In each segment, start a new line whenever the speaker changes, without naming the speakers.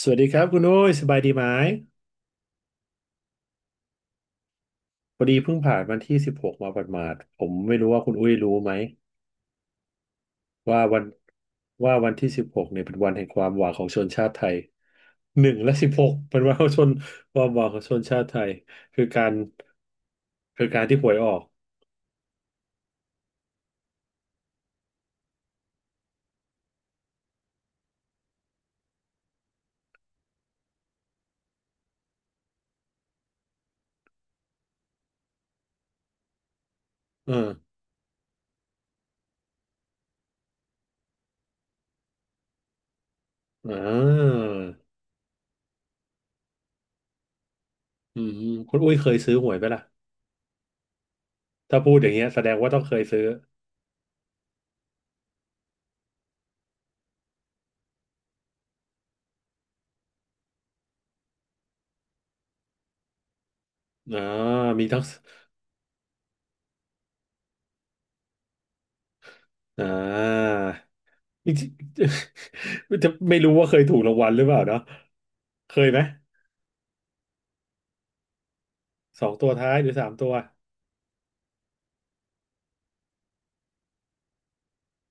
สวัสดีครับคุณอุ้ยสบายดีไหมพอดีเพิ่งผ่านวันที่สิบหกมาหมาดๆผมไม่รู้ว่าคุณอุ้ยรู้ไหมว่าวันว่าวันที่สิบหกเนี่ยเป็นวันแห่งความหวังของชนชาติไทยหนึ่งและสิบหกเป็นวันของชนความหวังของชนชาติไทยคือการคือการที่หวยออกเอออ่าอืมคุณอุ้ยเคยซื้อหวยไหมล่ะถ้าพูดอย่างเงี้ยแสดงว่าต้องเคยซื้ออ่ามีทั้ง อ่าจริงๆ จะไม่รู้ว่าเคยถูกรางวัลหรือเปล่าเนาะเคยไหมสองตัวท้ายหรือสามตัว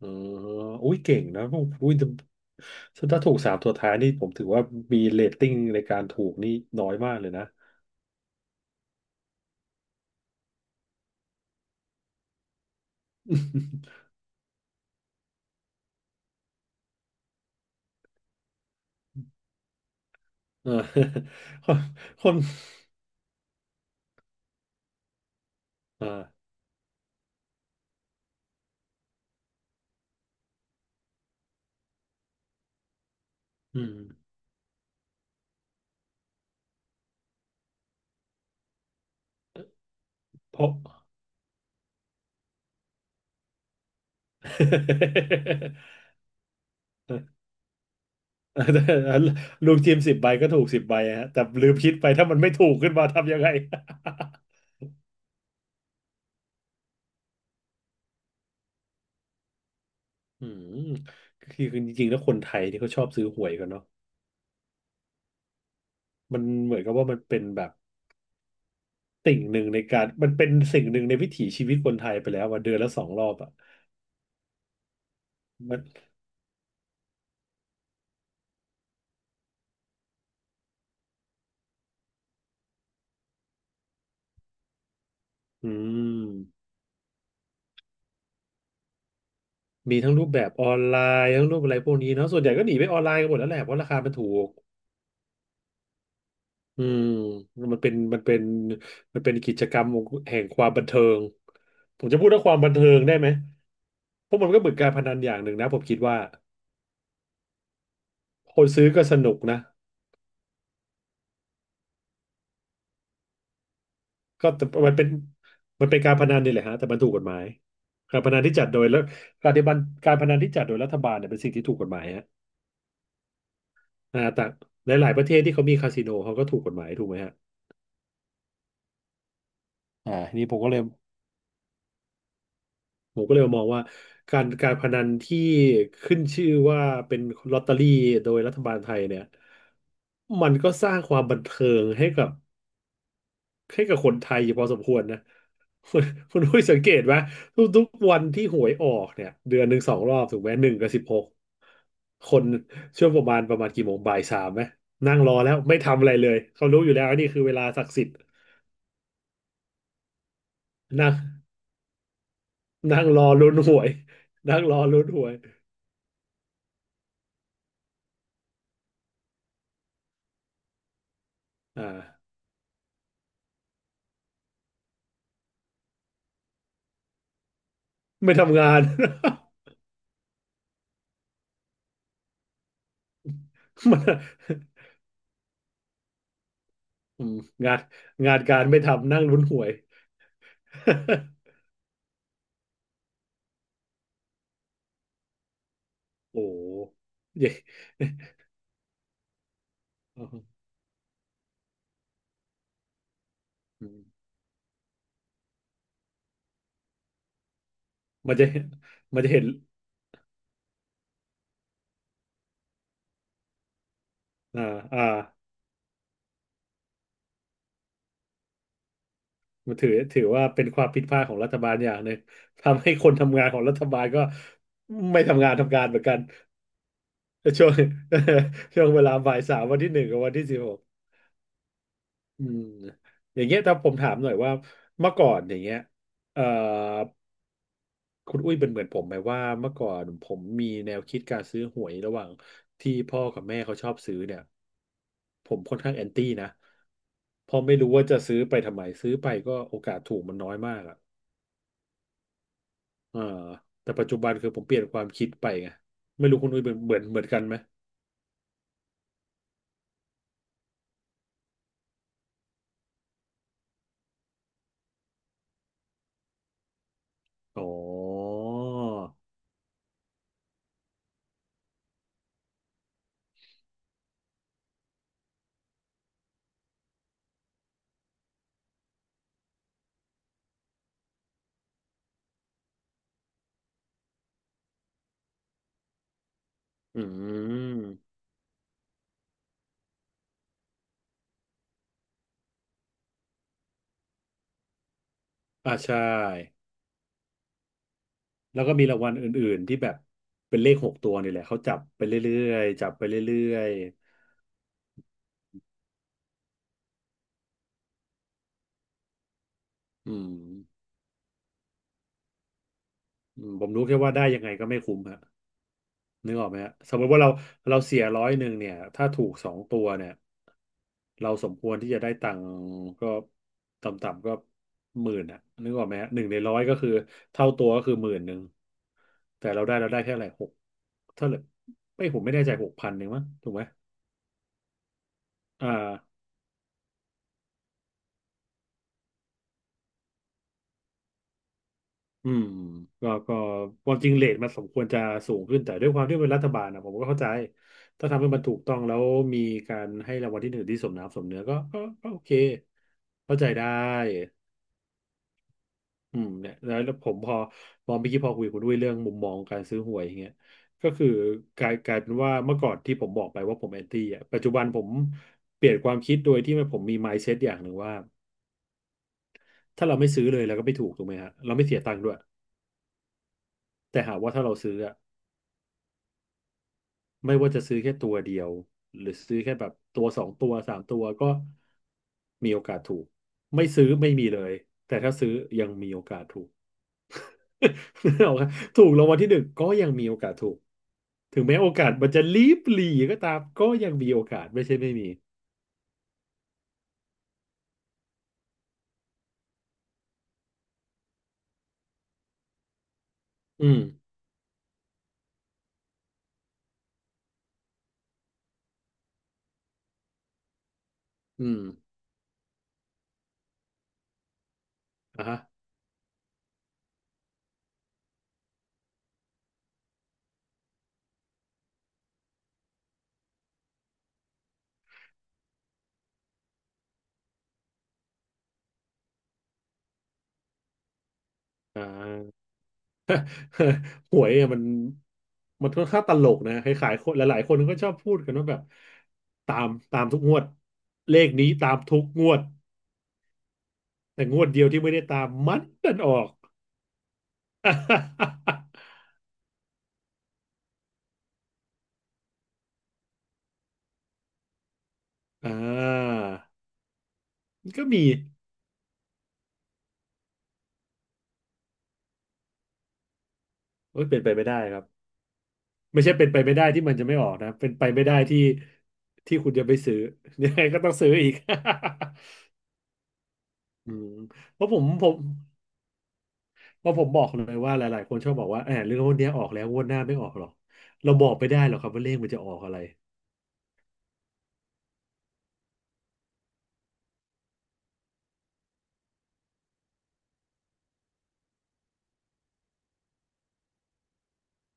อ๋ออุ้ยเก่งนะอุ้ยถ้าถูกสามตัวท้ายนี่ผมถือว่ามีเรตติ้งในการถูกนี่น้อยมากเลยนะ เออคนคนเ่ออืมเพราะ ลูกทีมสิบใบก็ถูกสิบใบฮะแต่ลืมคิดไปถ้ามันไม่ถูกขึ้นมาทำยังไง อืมคือจริงๆแล้วคนไทยที่เขาชอบซื้อหวยกันเนาะมันเหมือนกับว่ามันเป็นแบบสิ่งหนึ่งในการมันเป็นสิ่งหนึ่งในวิถีชีวิตคนไทยไปแล้วว่าเดือนละสองรอบอ่ะมันอืมมีทั้งรูปแบบออนไลน์ทั้งรูปอะไรพวกนี้เนาะส่วนใหญ่ก็หนีไปออนไลน์กันหมดแล้วแหละเพราะราคามันถูกอืมมันเป็นมันเป็นมันเป็นกิจกรรมแห่งความบันเทิงผมจะพูดว่าความบันเทิงได้ไหมเพราะมันก็เหมือนการพนันอย่างหนึ่งนะผมคิดว่าคนซื้อก็สนุกนะ ก็แต่มันเป็นการพนันนี่แหละฮะแต่มันถูกกฎหมายการพนันที่จัดโดยแล้วการที่บันการพนันที่จัดโดยรัฐบาลเนี่ยเป็นสิ่งที่ถูกกฎหมายฮะแต่หลายๆประเทศที่เขามีคาสิโนเขาก็ถูกกฎหมายถูกไหมฮะทีนี้ผมก็เลยมองว่าการพนันที่ขึ้นชื่อว่าเป็นลอตเตอรี่โดยรัฐบาลไทยเนี่ยมันก็สร้างความบันเทิงให้กับ ให้กับคนไทยอยู่พอสมควรนะ คุณคุณอุ้ยสังเกตไหมทุกวันที่หวยออกเนี่ยเดือนหนึ่งสองรอบถูกไหมหนึ่งกับสิบหกคนช่วงประมาณกี่โมงบ่ายสามไหมนั่งรอแล้วไม่ทำอะไรเลยเขารู้อยู่แล้วนี่คือเวลาศักดิ์สิทธิ์นั่งนั่งรอลุ้นหวยนั่งรอลุ้นหวยอ่าไม่ทำงาน มันอืมงานงานการไม่ทำนั่งลุ้นหวย โอ้ย มันจะมันจะเห็น อ่าอ่ามันถือว่าเป็นความผิดพลาดของรัฐบาลอย่างหนึ่ง ทำให้คนทำงานของรัฐบาลก็ไม่ทำงานทำการเหมือนกันช่วง ช่วงเวลาบ่ายสามวันที่หนึ่งกับวันที่สิบหกอืมอย่างเงี้ยถ้าผมถามหน่อยว่าเมื่อก่อนอย่างเงี้ยเอ่อคุณอุ้ยเป็นเหมือนผมไหมว่าเมื่อก่อนผมมีแนวคิดการซื้อหวยระหว่างที่พ่อกับแม่เขาชอบซื้อเนี่ยผมค่อนข้างแอนตี้นะเพราะไม่รู้ว่าจะซื้อไปทำไมซื้อไปก็โอกาสถูกมันน้อยมากอะ อ่าแต่ปัจจุบันคือผมเปลี่ยนความคิดไปไงไม่รู้คุณอุ้ยเป็นเหมือนกันไหมอ๋ออืมอ่าใช่แล้วก็มีรางวัลอื่นๆที่แบบเป็นเลขหกตัวนี่แหละเขาจับไปเรื่อยๆจับไปเรื่อยๆอืมอืมผมรู้แค่ว่าได้ยังไงก็ไม่คุ้มฮะ นึกออกไหมฮะสมมติว่าเราเสียร้อยหนึ่งเนี่ยถ้าถูกสองตัวเนี่ยเราสมควรที่จะได้ตังค์ก็ต่ำๆก็หมื่นอ่ะนึกออกไหมฮะหนึ่งในร้อยก็คือเท่าตัวก็คือหมื่นหนึ่งแต่เราได้แค่อะไหรหกเท่าไหร่ไม่ผมไม่แน่ใจหกพันเองมั้งถูกไหมอ่า อืมก็ความจริงเรทมันสมควรจะสูงขึ้นแต่ด้วยความที่เป็นรัฐบาลนะผมก็เข้าใจถ้าทำให้มันถูกต้องแล้วมีการให้รางวัลที่หนึ่งที่สมน้ำสมเนื้อก็โอเคเข้าใจได้อืมเนี่ยแล้วผมพอเมื่อกี้พอคุยกับคุณด้วยเรื่องมุมมองการซื้อหวยอย่างเงี้ยก็คือกลายเป็นว่าเมื่อก่อนที่ผมบอกไปว่าผมแอนตี้อ่ะปัจจุบันผมเปลี่ยนความคิดโดยที่ผมมี mindset อย่างหนึ่งว่าถ้าเราไม่ซื้อเลยเราก็ไม่ถูกถูกไหมฮะเราไม่เสียตังค์ด้วยแต่หากว่าถ้าเราซื้ออะ ไม่ว่าจะซื้อแค่ตัวเดียวหรือซื้อแค่แบบตัวสองตัวสามตัวก็มีโอกาสถูกไม่ซื้อไม่มีเลยแต่ถ้าซื้อยังมีโอกาสถูก นึกออกไหมถูกรางวัลที่หนึ่งก็ยังมีโอกาสถูกถึงแม้โอกาสมันจะลีบหลีก็ตามก็ยังมีโอกาสไม่ใช่ไม่มีอืมอืมอ่ะฮะอ่า หวยอะมันค่อนข้างตลกนะคล้ายๆคนหลายๆคนก็ชอบพูดกันว่าแบบตามทุกงวดเลขนี้ตามทุกงวด แต่งวดเดียวที่ไม่ได้ตามมันดันออก อ่าก็มีโอ้ยเป็นไปไม่ได้ครับไม่ใช่เป็นไปไม่ได้ที่มันจะไม่ออกนะเป็นไปไม่ได้ที่ที่คุณจะไปซื้อ ยังไงก็ต้องซื้ออีก อืมเพราะผมผมเพราะผมบอกเลยว่าหลายๆคนชอบบอกว่าแหมเรื่องพวกเนี้ยออกแล้วงวดหน้าไม่ออกหรอกเราบอกไม่ได้หรอกครับว่าเลขมันจะออกอะไร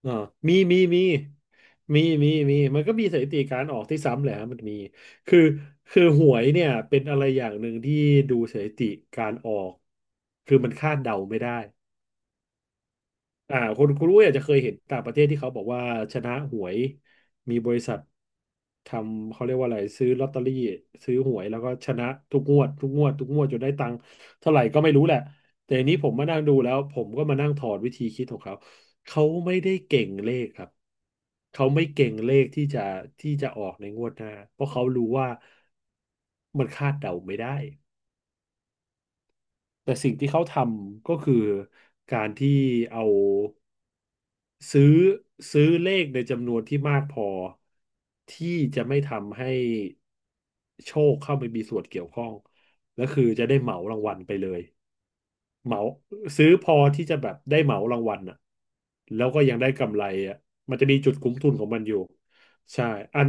เอ่ามีมีมีมีมี มันก็มีสถิติการออกที่ซ้ำแหละฮะมันมีคือคือหวยเนี่ยเป็นอะไรอย่างหนึ่งที่ดูสถิติการออก คือมันคาดเดาไม่ได้ อ่าคนคุณอุ้ยอาจจะเคยเห็นต่างประเทศที่เขาบอกว่าชนะหวยมีบริษัททำเขาเรียกว่าอะไรซื้อลอตเตอรี่ซื้อหวยแล้วก็ชนะทุกงวดทุกงวดทุกงวดจนได้ตังค์เท่าไหร่ก็ไม่รู้แหละแต่อันนี้ผมมานั่งดูแล้วผมก็มานั่งถอดวิธีคิดของเขาเขาไม่ได้เก่งเลขครับเขาไม่เก่งเลขที่จะออกในงวดหน้าเพราะเขารู้ว่ามันคาดเดาไม่ได้ แต่สิ่งที่เขาทำก็คือการที่เอาซื้อซื้อเลขในจำนวนที่มากพอที่จะไม่ทำให้โชคเข้าไปมีส่วนเกี่ยวข้องแล้วคือจะได้เหมารางวัลไปเลยเหมาซื้อพอที่จะแบบได้เหมารางวัลอ่ะแล้วก็ยังได้กำไรอ่ะมันจะมีจุดคุ้มทุนของมันอยู่ใช่อัน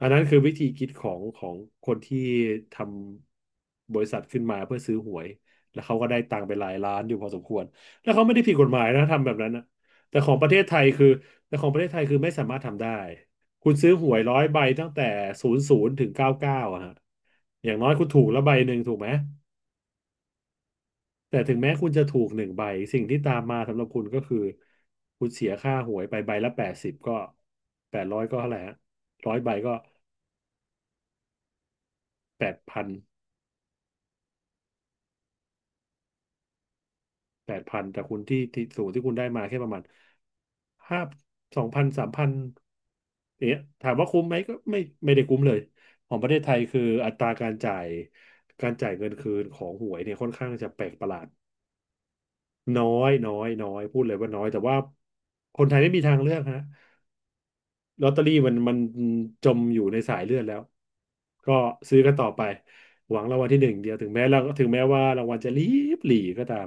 อันนั้นคือวิธีคิดของคนที่ทำบริษัทขึ้นมาเพื่อซื้อหวย แล้วเขาก็ได้ตังค์ไปหลายล้านอยู่พอสมควร แล้วเขาไม่ได้ผิดกฎหมายนะทำแบบนั้นนะแต่ของประเทศไทยคือ แต่ของประเทศไทยคือไม่สามารถทำได้ คุณซื้อหวย100 ใบตั้งแต่ศูนย์ศูนย์ถึงเก้าเก้าอะฮะอย่างน้อยคุณถูกละใบหนึ่งถูกไหม แต่ถึงแม้คุณจะถูกหนึ่งใบสิ่งที่ตามมาสำหรับคุณก็คือคุณเสียค่าหวยไปใบละ80ก็800ก็เท่าไหร่ฮะร้อยใบก็แปดพัน แปดพันแต่คุณที่สูตรที่คุณได้มาแค่ประมาณห้า2,0003,000อย่างเงี้ยถามว่าคุ้มไหมก็ไม่ไม่ได้คุ้มเลยของประเทศไทยคืออัตราการจ่ายเงินคืนของหวยเนี่ยค่อนข้างจะแปลกประหลาดน้อยน้อยน้อยพูดเลยว่าน้อยแต่ว่าคนไทยไม่มีทางเลือกฮะลอตเตอรี่มันจมอยู่ในสายเลือดแล้วก็ซื้อกันต่อไปหวังรางวัลที่หนึ่งเดียวถึงแม้เราถึงแม้ว่ารางวัลจะลีบหลีก็ตาม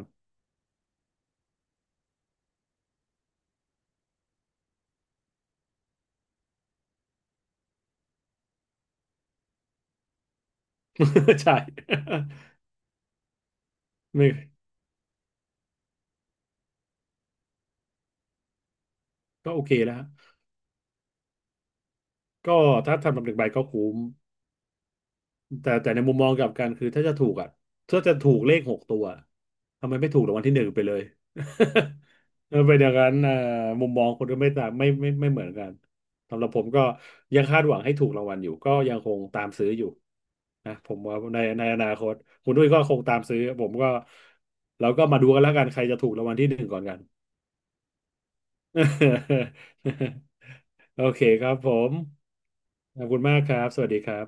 ใช่ ไม่ ก็โอเคแล้วฮะก็ถ้าทำแบบหนึ่งใบก็คุ้มแต่ในมุมมองกลับกันคือถ้าจะถูกอ่ะถ้าจะถูกเลขหกตัวทำไมไม่ถูกรางวัลที่หนึ่งไปเลย เออเป็นอย่างนั้นอ่ามุมมองคนก็ไม่ต่างไม่เหมือนกันสำหรับผมก็ยังคาดหวังให้ถูกรางวัลอยู่ก็ยังคงตามซื้ออยู่นะผมว่าในอนาคตคุณด้วยก็คงตามซื้อผมก็เราก็มาดูกันแล้วกันใครจะถูกรางวัลที่หนึ่งก่อนกัน โอเคครับผมขอบคุณมากครับสวัสดีครับ